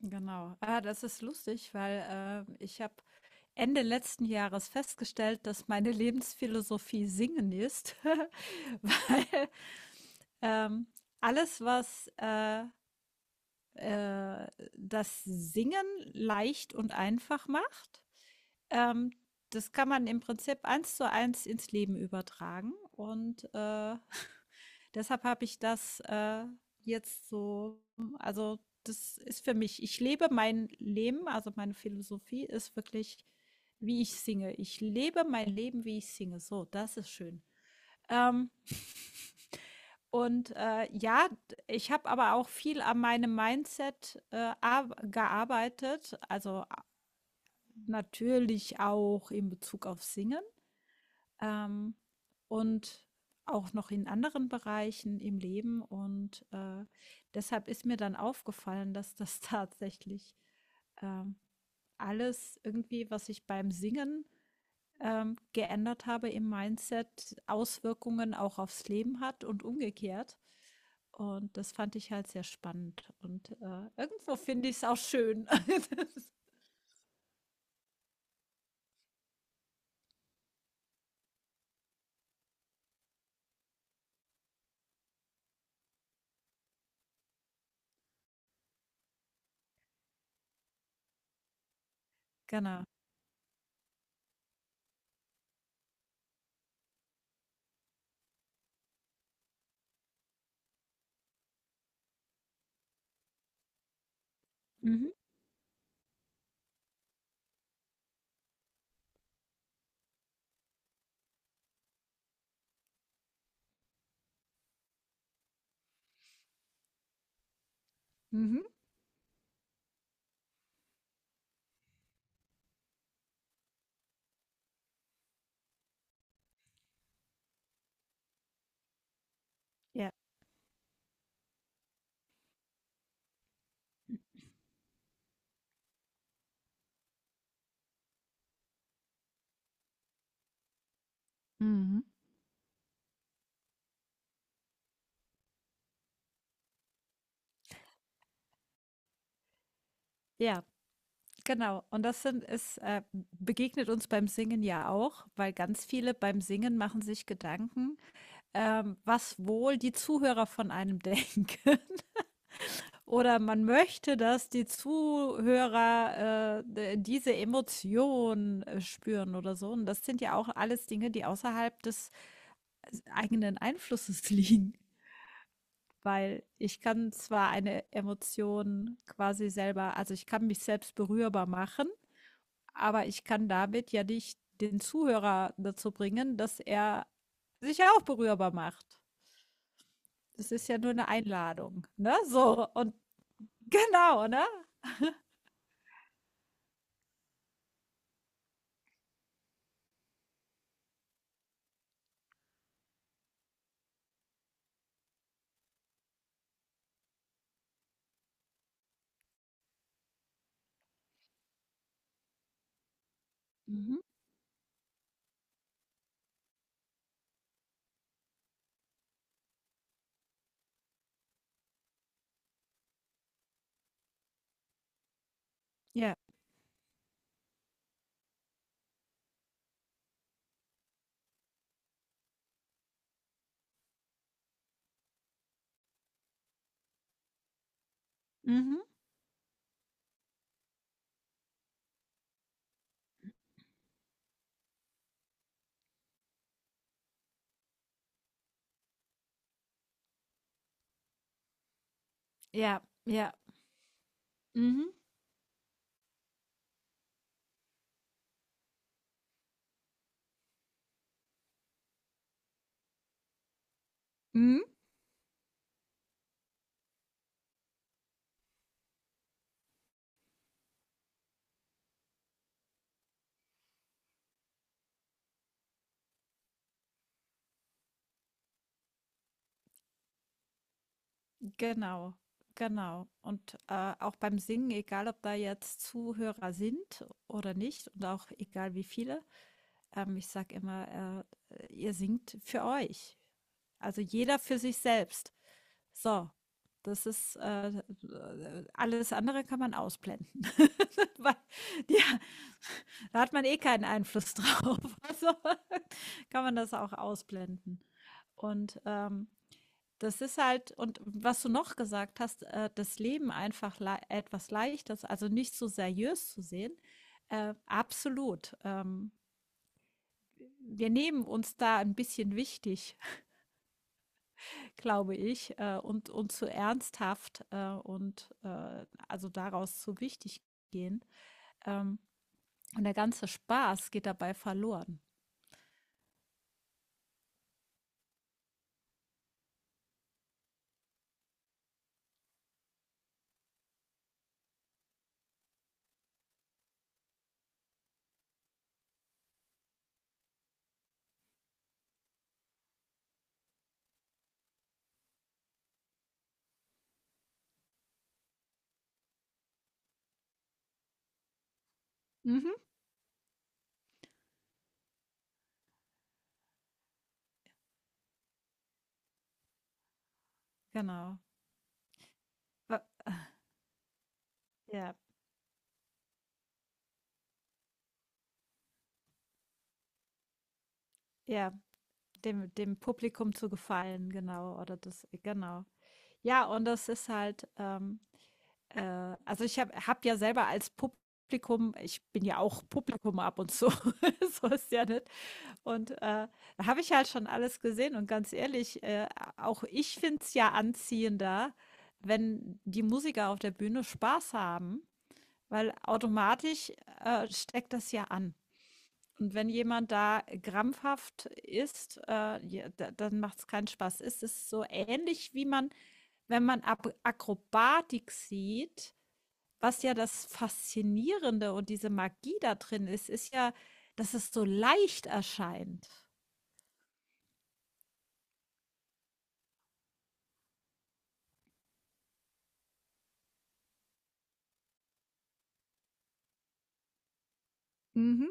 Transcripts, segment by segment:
Genau. Ah, das ist lustig, weil ich habe Ende letzten Jahres festgestellt, dass meine Lebensphilosophie Singen ist, weil ähm, alles, was äh, das Singen leicht und einfach macht, ähm, das kann man im Prinzip eins zu eins ins Leben übertragen. Und deshalb habe ich das jetzt so. Also, das ist für mich, ich lebe mein Leben, also, meine Philosophie ist wirklich, wie ich singe. Ich lebe mein Leben, wie ich singe. So, das ist schön. Ähm, und ja, d ich habe aber auch viel an meinem Mindset, arb gearbeitet, also, a natürlich auch in Bezug auf Singen, ähm, und auch noch in anderen Bereichen im Leben. Und deshalb ist mir dann aufgefallen, dass das tatsächlich ähm, alles irgendwie, was ich beim Singen geändert habe im Mindset, Auswirkungen auch aufs Leben hat und umgekehrt. Und das fand ich halt sehr spannend. Und irgendwo finde ich es auch schön. Genau. Mhm. Mhm. Ja. Mhm. Ja. Genau, und das sind es, begegnet uns beim Singen ja auch, weil ganz viele beim Singen machen sich Gedanken, was wohl die Zuhörer von einem denken. Oder man möchte, dass die Zuhörer diese Emotion spüren oder so. Und das sind ja auch alles Dinge, die außerhalb des eigenen Einflusses liegen. Weil ich kann zwar eine Emotion quasi selber, also ich kann mich selbst berührbar machen. Aber ich kann damit ja nicht den Zuhörer dazu bringen, dass er sich ja auch berührbar macht. Das ist ja nur eine Einladung, ne? So und genau, ne? Mhm. Ja. Mhm. Ja, ja. Mhm. Mhm. Genau, genau. Und auch beim Singen, egal ob da jetzt Zuhörer sind oder nicht und auch egal wie viele, ich sage immer, ihr singt für euch. Also jeder für sich selbst. So, das ist alles andere kann man ausblenden. Weil, ja, da hat man eh keinen Einfluss drauf. Also kann man das auch ausblenden. Und das ist halt, und was du noch gesagt hast, das Leben einfach le etwas Leichtes, also nicht so seriös zu sehen. Absolut. Wir nehmen uns da ein bisschen wichtig, glaube ich, und zu ernsthaft, und, also daraus zu wichtig gehen. Ähm, und der ganze Spaß geht dabei verloren. Mhm. Genau. Ja, ja, dem Publikum zu gefallen, genau, oder das, genau. Ja, und das ist halt, also ich habe habe ja selber als Publikum ich bin ja auch Publikum ab und zu, so ist ja nicht. Und da habe ich halt schon alles gesehen und ganz ehrlich, auch ich finde es ja anziehender, wenn die Musiker auf der Bühne Spaß haben, weil automatisch steckt das ja an. Und wenn jemand da krampfhaft ist, ja, dann macht es keinen Spaß. Es ist so ähnlich wie man, wenn man Ab Akrobatik sieht, was ja das Faszinierende und diese Magie da drin ist, ist ja, dass es so leicht erscheint. Mhm.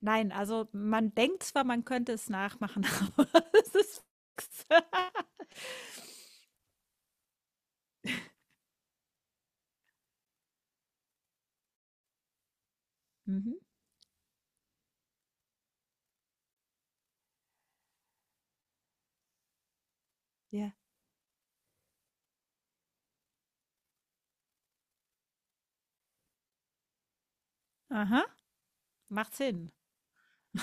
Nein, also man denkt zwar, man könnte es nachmachen, aber es ist nix. Mhm. Ja. Aha. Macht Sinn.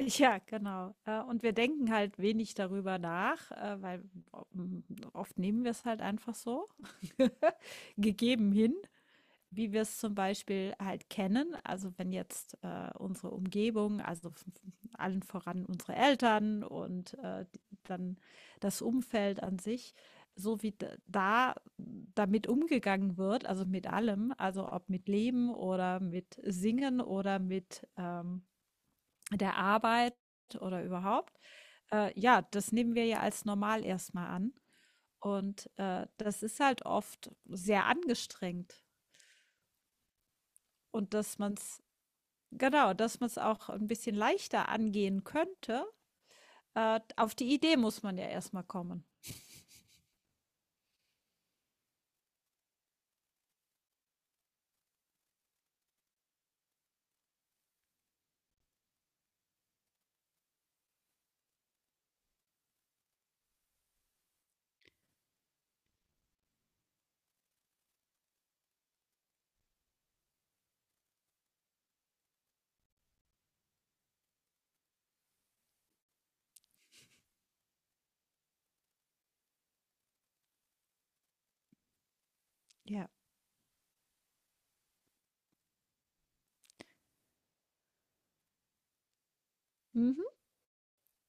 Ja, genau. Und wir denken halt wenig darüber nach, weil o hm, oft nehmen wir es halt einfach so gegeben hin, wie wir es zum Beispiel halt kennen. Also wenn jetzt unsere Umgebung, also allen voran unsere Eltern und dann das Umfeld an sich, so wie da damit umgegangen wird, also mit allem, also ob mit Leben oder mit Singen oder mit der Arbeit oder überhaupt, ja, das nehmen wir ja als normal erstmal an. Und das ist halt oft sehr angestrengt. Und dass man es Genau, dass man es auch ein bisschen leichter angehen könnte. Auf die Idee muss man ja erstmal kommen. Ja. Mhm.